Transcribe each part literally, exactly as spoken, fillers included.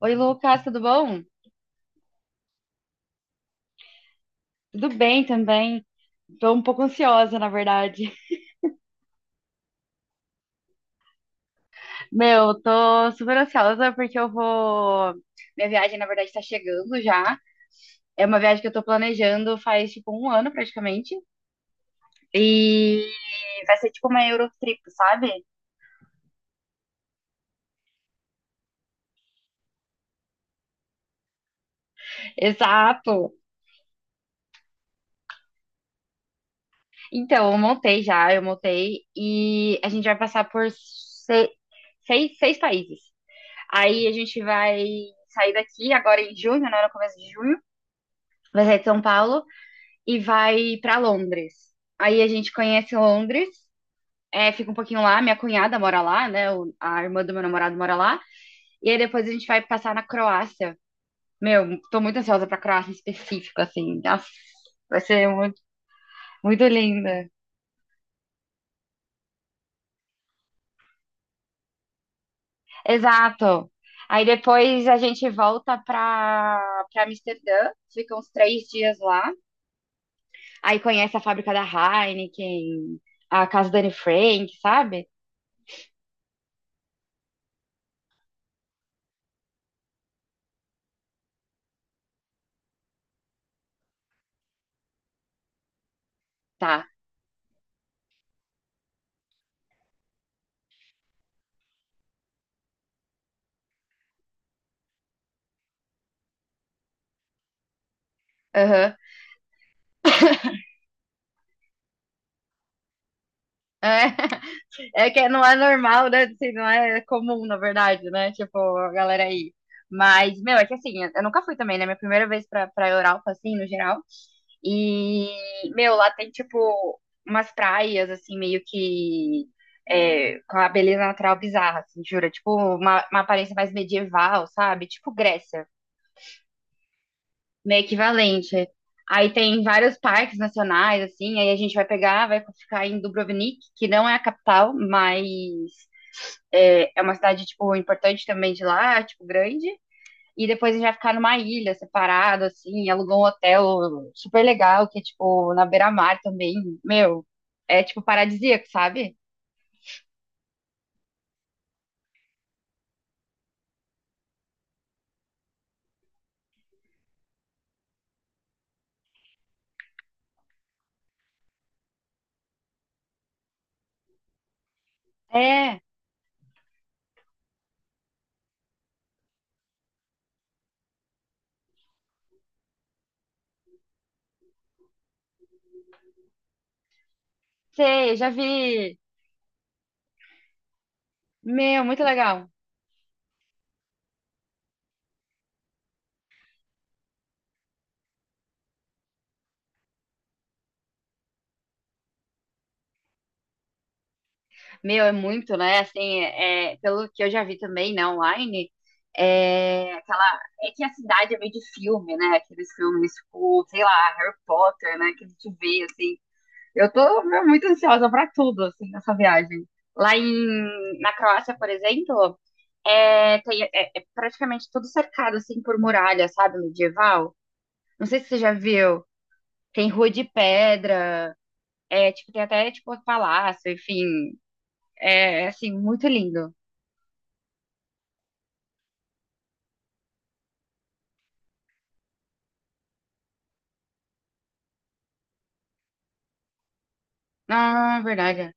Oi, Lucas, tudo bom? Tudo bem também. Tô um pouco ansiosa, na verdade. Meu, tô super ansiosa porque eu vou. Minha viagem, na verdade, tá chegando já. É uma viagem que eu tô planejando faz, tipo, um ano praticamente. E vai ser tipo uma Eurotrip, sabe? Exato. Então, eu montei já, eu montei. E a gente vai passar por se- seis, seis países. Aí a gente vai sair daqui agora em junho, né? No começo de junho. Vai sair de São Paulo e vai pra Londres. Aí a gente conhece Londres, é, fica um pouquinho lá, minha cunhada mora lá, né? o- A irmã do meu namorado mora lá. E aí depois a gente vai passar na Croácia. Meu, tô muito ansiosa pra Croácia em específico, assim. Nossa, vai ser muito, muito linda. Exato. Aí depois a gente volta pra, pra Amsterdã, fica uns três dias lá. Aí conhece a fábrica da Heineken, a casa da Anne Frank, sabe? Tá. Aham. É. É que não é normal, né? Assim, não é comum, na verdade, né? Tipo, a galera aí. Mas, meu, é que assim, eu nunca fui também, né? Minha primeira vez pra, pra Europa, assim, no geral. E, meu, lá tem, tipo, umas praias, assim, meio que, é, com a beleza natural bizarra, assim, jura? Tipo, uma, uma aparência mais medieval, sabe? Tipo Grécia, meio equivalente. Aí tem vários parques nacionais, assim, aí a gente vai pegar, vai ficar em Dubrovnik, que não é a capital, mas é, é uma cidade, tipo, importante também de lá, tipo, grande. E depois já ficar numa ilha separado, assim, alugou um hotel super legal, que é, tipo, na beira-mar também. Meu, é, tipo, paradisíaco, sabe? É, sei, já vi. Meu, muito legal. Meu, é muito, né? Assim, é, pelo que eu já vi também, né, online, é aquela. É que a cidade é meio de filme, né? Aqueles filmes, tipo, sei lá, Harry Potter, né? Que a gente vê, assim. Eu tô meu, muito ansiosa pra tudo, assim, nessa viagem. Lá em, na Croácia, por exemplo, é, tem- é- é praticamente tudo cercado, assim, por muralha, sabe, medieval. Não sei se você já viu. Tem rua de pedra, é, tipo, tem até, tipo, palácio, enfim. É, assim, muito lindo. Ah, verdade.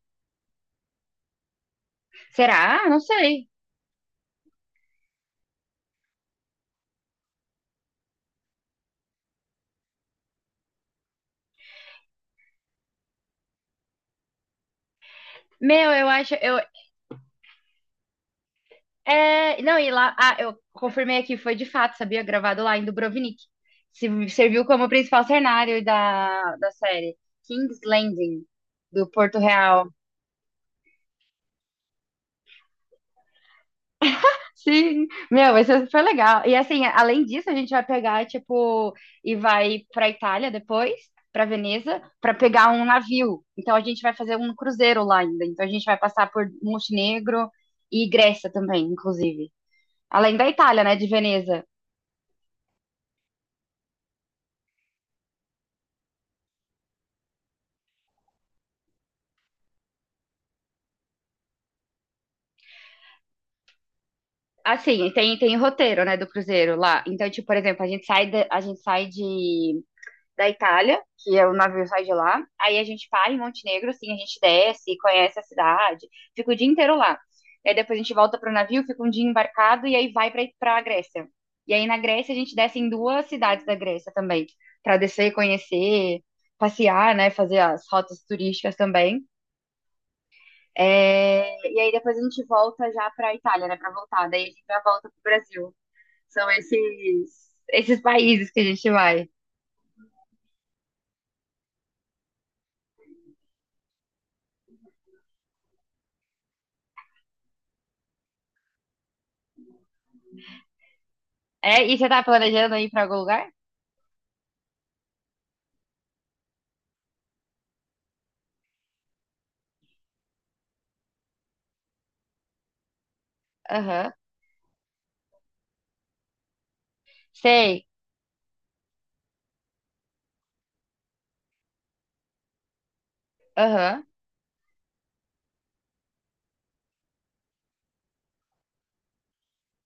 Será? Não sei. Meu, eu acho, eu, é, não, e lá, ah, eu confirmei aqui, foi de fato, sabia? Gravado lá em Dubrovnik. Se- Serviu como principal cenário da, da série. King's Landing, do Porto Real. Sim, meu, isso foi legal. E assim, além disso, a gente vai pegar, tipo, e vai pra Itália depois, pra Veneza, pra pegar um navio. Então a gente vai fazer um cruzeiro lá ainda. Então a gente vai passar por Montenegro e Grécia também, inclusive. Além da Itália, né, de Veneza. Assim, tem, tem o roteiro, né, do cruzeiro lá. Então, tipo, por exemplo, a gente sai da, a gente sai de, da Itália, que é o navio sai de lá. Aí a gente para em Montenegro, assim, a gente desce, conhece a cidade, fica o dia inteiro lá. E aí depois a gente volta pro navio, fica um dia embarcado e aí vai pra, pra Grécia. E aí na Grécia a gente desce em duas cidades da Grécia também, pra descer, conhecer, passear, né, fazer as rotas turísticas também. É, e aí depois a gente volta já pra Itália, né, pra voltar. Daí a gente já volta pro Brasil. São esses, esses países que a gente vai. É, e você tá planejando ir pra algum lugar? Aham. Sei. Aham.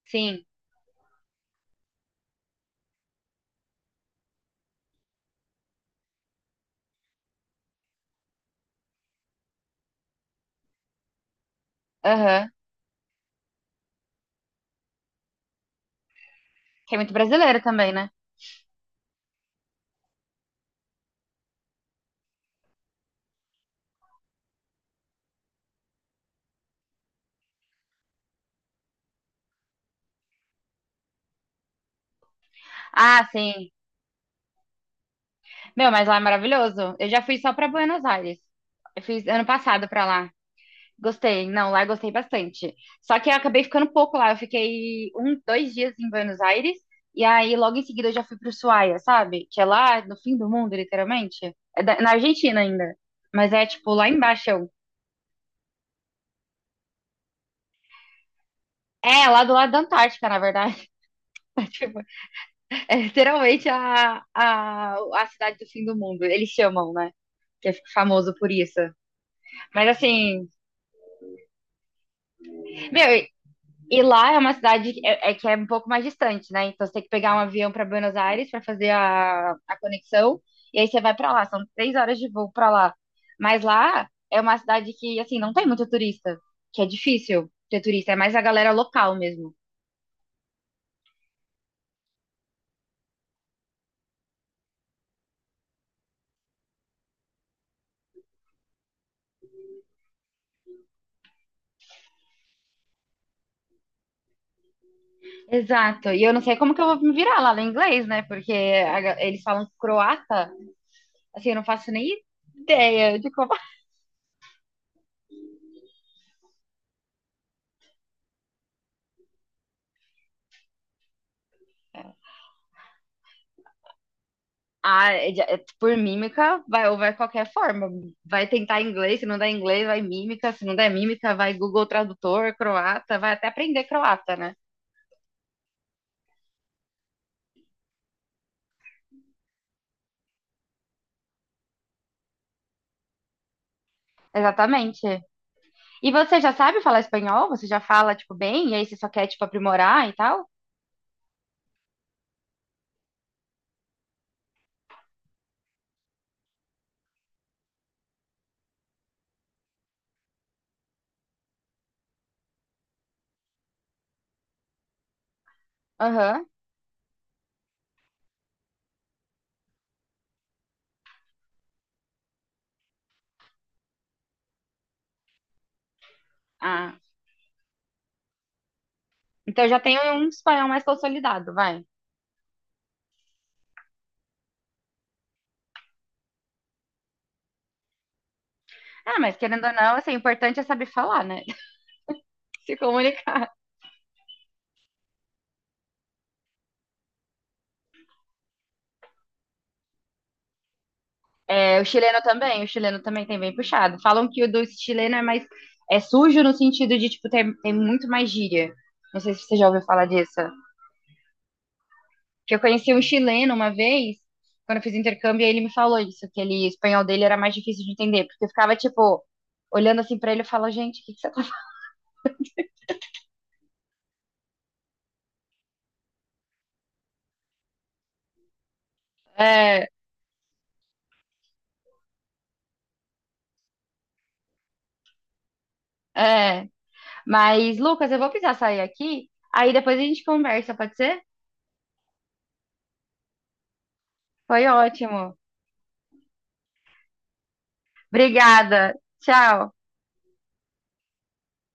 Sim. Aham. Que é muito brasileiro também, né? Ah, sim. Meu, mas lá é maravilhoso. Eu já fui só pra Buenos Aires. Eu fiz ano passado pra lá. Gostei. Não, lá eu gostei bastante. Só que eu acabei ficando pouco lá. Eu fiquei um, dois dias em Buenos Aires. E aí, logo em seguida, eu já fui pro Ushuaia, sabe? Que é lá no fim do mundo, literalmente. É da- na Argentina ainda. Mas é, tipo, lá embaixo. É, lá do lado da Antártica, na verdade. Tipo, é literalmente a, a, a cidade do fim do mundo. Eles chamam, né? Que é famoso por isso. Mas assim, meu, e e lá é uma cidade que é, é, que é um pouco mais distante, né? Então você tem que pegar um avião para Buenos Aires para fazer a, a conexão. E aí você vai para lá. São três horas de voo para lá. Mas lá é uma cidade que, assim, não tem muito turista. Que é difícil ter turista. É mais a galera local mesmo. Exato. E eu não sei como que eu vou me virar lá no inglês, né? Porque a ga- eles falam croata, assim, eu não faço nem ideia de como. Ah, é de- é por mímica, vai, ou vai qualquer forma. Vai tentar inglês, se não der inglês, vai mímica, se não der mímica, vai Google Tradutor, croata, vai até aprender croata, né? Exatamente. E você já sabe falar espanhol? Você já fala, tipo, bem? E aí você só quer, tipo, aprimorar e tal? Aham. Ah, então já tem um espanhol mais consolidado, vai. Ah, mas querendo ou não, assim, o importante é saber falar, né? Se comunicar. É, o chileno também, o chileno também tem bem puxado. Falam que o do chileno é mais é sujo no sentido de, tipo, tem tem muito mais gíria. Não sei se você já ouviu falar disso. Que eu conheci um chileno uma vez, quando eu fiz intercâmbio, e ele me falou isso, que ele, o espanhol dele era mais difícil de entender, porque eu ficava, tipo, olhando assim pra ele e falava, gente, o que que você tá falando? É, é. Mas, Lucas, eu vou precisar sair aqui, aí depois a gente conversa, pode ser? Foi ótimo. Obrigada. Tchau.